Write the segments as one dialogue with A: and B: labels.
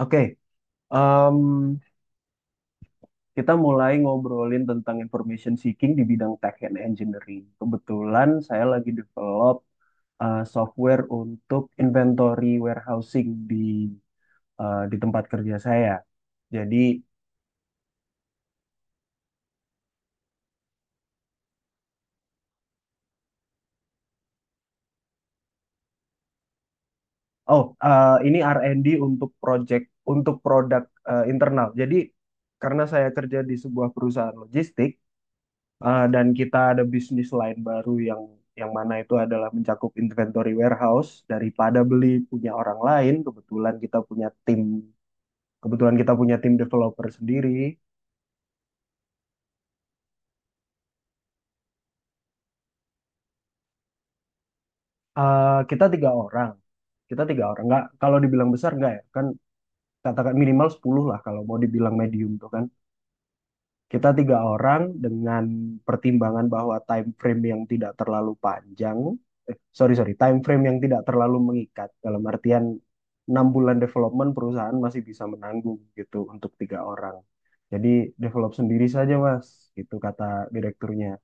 A: Oke, em, kita mulai ngobrolin tentang information seeking di bidang tech and engineering. Kebetulan saya lagi develop software untuk inventory warehousing di tempat kerja saya. Jadi, oh ini R&D untuk project untuk produk internal. Jadi, karena saya kerja di sebuah perusahaan logistik, dan kita ada bisnis lain baru yang mana itu adalah mencakup inventory warehouse daripada beli punya orang lain, kebetulan kita punya tim developer sendiri. Kita tiga orang, nggak kalau dibilang besar nggak ya kan, katakan minimal 10 lah kalau mau dibilang medium tuh kan. Kita tiga orang dengan pertimbangan bahwa time frame yang tidak terlalu panjang, sorry sorry, time frame yang tidak terlalu mengikat dalam artian 6 bulan development perusahaan masih bisa menanggung gitu untuk tiga orang. Jadi, develop sendiri saja mas, itu kata direkturnya.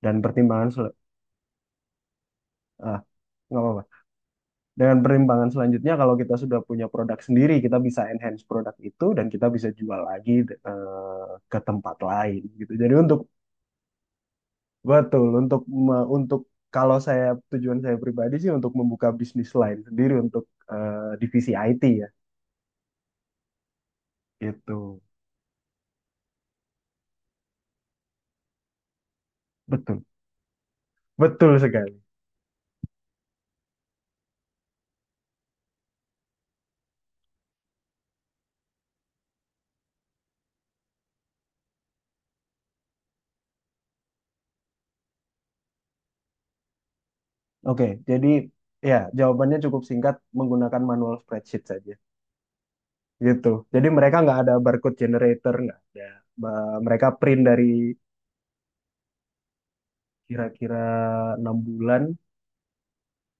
A: Dan pertimbangan ah nggak apa-apa. Dengan pertimbangan selanjutnya kalau kita sudah punya produk sendiri, kita bisa enhance produk itu dan kita bisa jual lagi ke tempat lain gitu. Jadi untuk, Betul, untuk me- untuk kalau saya, tujuan saya pribadi sih untuk membuka bisnis lain sendiri untuk divisi IT ya. Itu betul, betul sekali. Oke, jadi ya, jawabannya cukup singkat, menggunakan manual spreadsheet saja. Gitu. Jadi mereka nggak ada barcode generator, nggak ada. Mereka print dari. Kira-kira 6 bulan.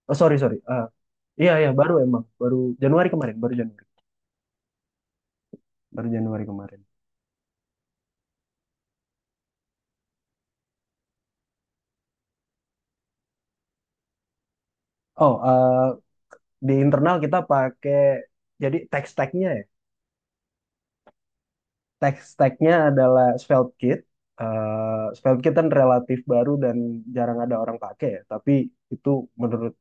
A: Oh sorry sorry. Iya iya, baru emang baru Januari kemarin, baru Januari kemarin. Oh, di internal kita pakai, jadi text tagnya adalah SvelteKit. SvelteKit kan relatif baru dan jarang ada orang pakai ya, tapi itu menurut,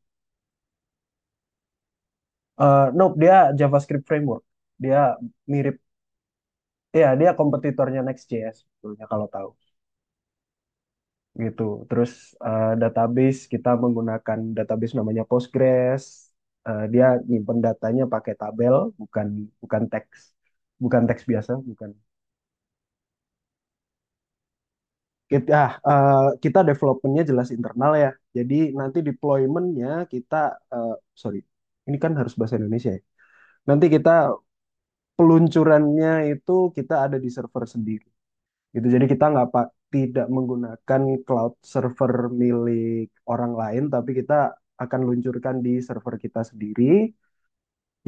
A: nope, dia JavaScript framework, dia mirip, ya dia kompetitornya Next.js sebetulnya kalau tahu. Gitu. Terus database kita menggunakan database namanya Postgres. Dia nyimpen datanya pakai tabel, bukan bukan teks, bukan teks biasa, bukan. Kita ah, eh, kita developmentnya jelas internal ya. Jadi nanti deploymentnya kita, eh, sorry, ini kan harus bahasa Indonesia ya. Nanti kita peluncurannya itu, kita ada di server sendiri. Gitu. Jadi kita nggak pak tidak menggunakan cloud server milik orang lain, tapi kita akan luncurkan di server kita sendiri.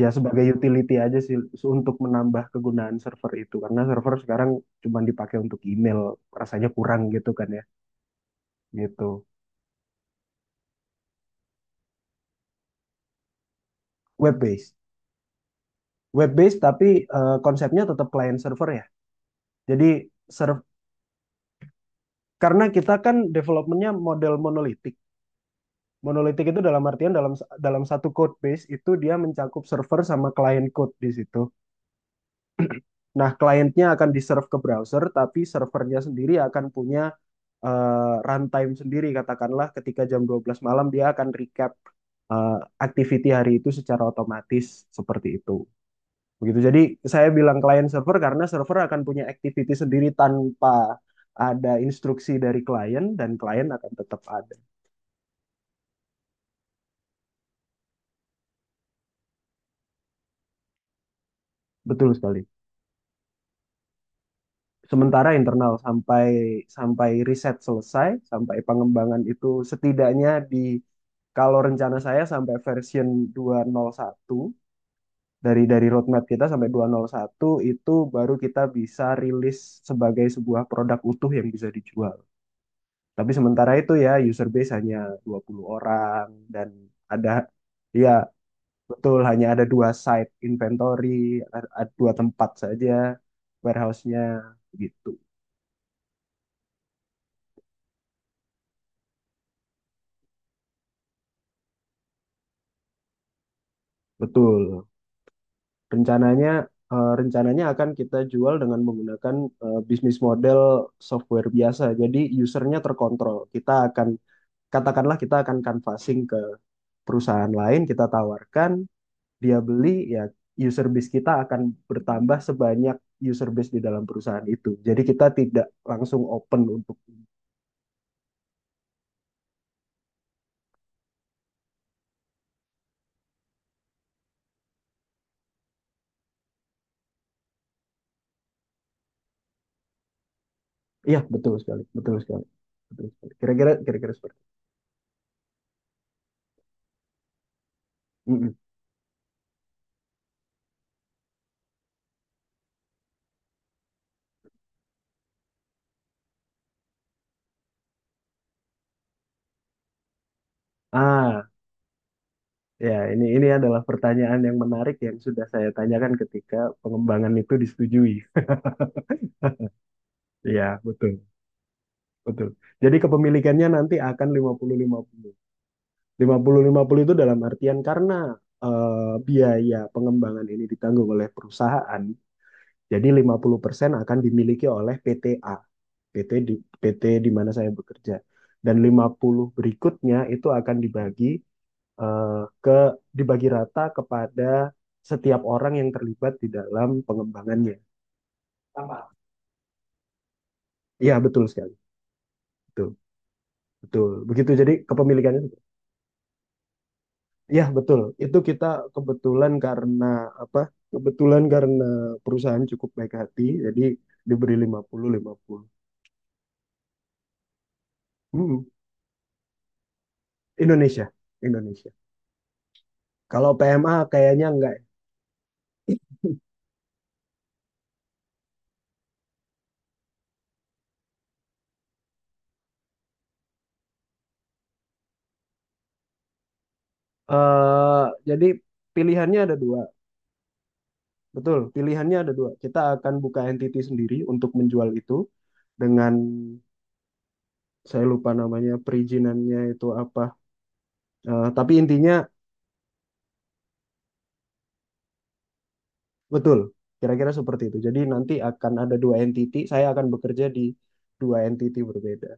A: Ya, sebagai utility aja sih untuk menambah kegunaan server itu, karena server sekarang cuma dipakai untuk email rasanya kurang gitu kan ya. Gitu. Web based. Web based tapi konsepnya tetap client server ya. Jadi serv- karena kita kan developmentnya model monolitik. Monolitik itu dalam artian, dalam dalam satu code base itu dia mencakup server sama client code di situ. Nah, kliennya akan di-serve ke browser, tapi servernya sendiri akan punya runtime sendiri. Katakanlah ketika jam 12 malam dia akan recap eh, activity hari itu secara otomatis, seperti itu. Begitu. Jadi saya bilang client server karena server akan punya activity sendiri tanpa ada instruksi dari klien, dan klien akan tetap ada. Betul sekali. Sementara internal sampai, riset selesai, sampai pengembangan itu, setidaknya di, kalau rencana saya, sampai version 201, dari roadmap kita sampai 201 itu baru kita bisa rilis sebagai sebuah produk utuh yang bisa dijual. Tapi sementara itu ya, user base hanya 20 orang. Dan ada, ya betul, hanya ada dua site inventory, ada, dua tempat saja warehouse-nya. Gitu. Betul. Rencananya rencananya akan kita jual dengan menggunakan bisnis model software biasa. Jadi usernya terkontrol. Kita akan, katakanlah kita akan canvassing ke perusahaan lain, kita tawarkan, dia beli ya, user base kita akan bertambah sebanyak user base di dalam perusahaan itu. Jadi kita tidak langsung open untuk. Iya betul sekali, betul sekali. Betul sekali. Kira-kira seperti itu. Mm-mm. Ah, ya, ini adalah pertanyaan yang menarik yang sudah saya tanyakan ketika pengembangan itu disetujui. Iya, betul. Betul. Jadi kepemilikannya nanti akan lima lima puluh lima puluh lima puluh lima puluh, itu dalam artian karena eh, biaya pengembangan ini ditanggung oleh perusahaan. Jadi 50% akan dimiliki oleh PTA, PT di, PT di mana saya bekerja. Dan 50 berikutnya itu akan dibagi eh, ke dibagi rata kepada setiap orang yang terlibat di dalam pengembangannya. Sama. Iya, betul sekali. Betul. Betul. Begitu jadi kepemilikannya. Iya, betul. Itu kita kebetulan karena apa? Kebetulan karena perusahaan cukup baik hati, jadi diberi 50 50. Hmm. Indonesia, Indonesia. Kalau PMA kayaknya enggak. Eh, jadi pilihannya ada dua, betul. Pilihannya ada dua. Kita akan buka entity sendiri untuk menjual itu, dengan, saya lupa namanya perizinannya itu apa. Tapi intinya betul, kira-kira seperti itu. Jadi nanti akan ada dua entity. Saya akan bekerja di dua entity berbeda,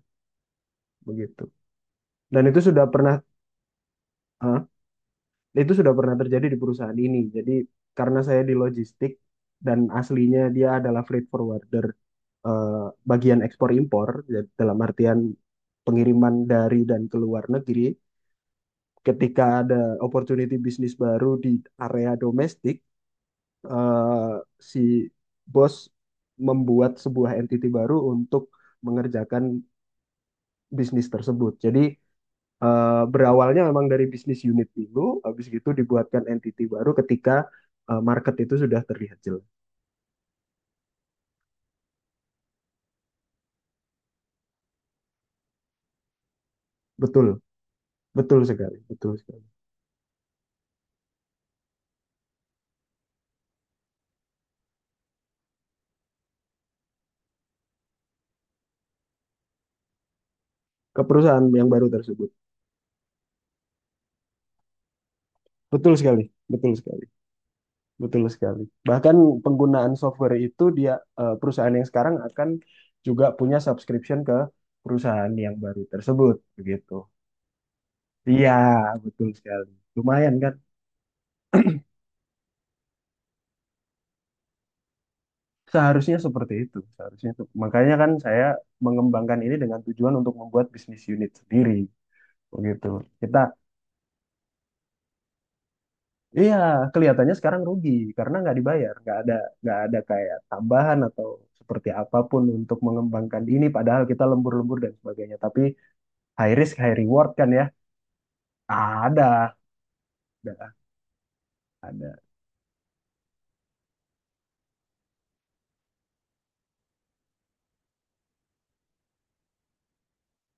A: begitu. Dan itu sudah pernah, eh, itu sudah pernah terjadi di perusahaan ini. Jadi karena saya di logistik dan aslinya dia adalah freight forwarder. eh, bagian ekspor impor ya, dalam artian pengiriman dari dan ke luar negeri, ketika ada opportunity bisnis baru di area domestik eh, si bos membuat sebuah entity baru untuk mengerjakan bisnis tersebut. Jadi berawalnya memang dari bisnis unit dulu, habis itu dibuatkan entity baru ketika market itu sudah terlihat jelas. Betul, betul sekali, betul sekali. Ke perusahaan yang baru tersebut. Betul sekali, betul sekali. Betul sekali. Bahkan penggunaan software itu, dia, perusahaan yang sekarang akan juga punya subscription ke perusahaan yang baru tersebut, begitu. Iya, betul sekali. Lumayan kan? Seharusnya seperti itu. Seharusnya itu. Makanya kan saya mengembangkan ini dengan tujuan untuk membuat bisnis unit sendiri, begitu. Kita, iya, kelihatannya sekarang rugi karena nggak dibayar, nggak ada kayak tambahan atau seperti apapun untuk mengembangkan ini. Padahal kita lembur-lembur dan sebagainya, tapi high risk high reward kan ya. Ada, ada, ada.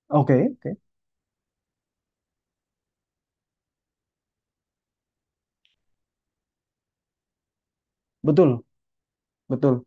A: Oke, oke, betul, betul,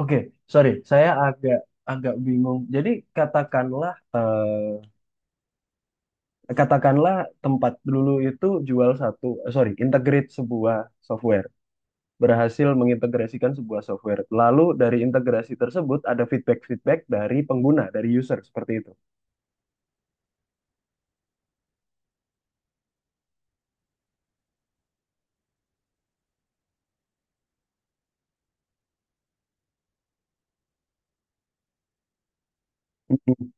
A: oke. Sorry, saya agak agak bingung, jadi katakanlah, katakanlah tempat dulu itu jual satu, sorry, integrate sebuah software, berhasil mengintegrasikan sebuah software, lalu dari integrasi tersebut ada feedback feedback dari pengguna, dari user, seperti itu. Mm.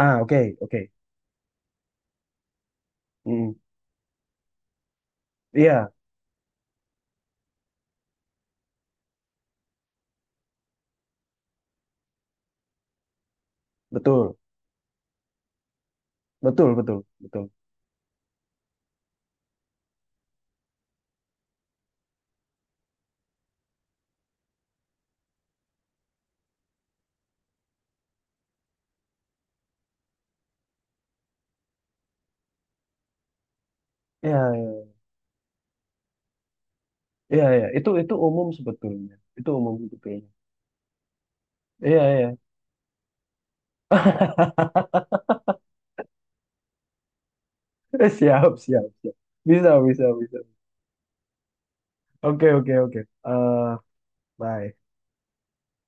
A: Oke, oke. Mm-mm. Iya, betul, betul, betul, betul. Iya, iya, iya, itu umum sebetulnya. Itu umum sebetulnya. Iya, iya. Siap, siap, siap. Bisa, bisa, bisa. Oke, oke, oke. Eh, Bye.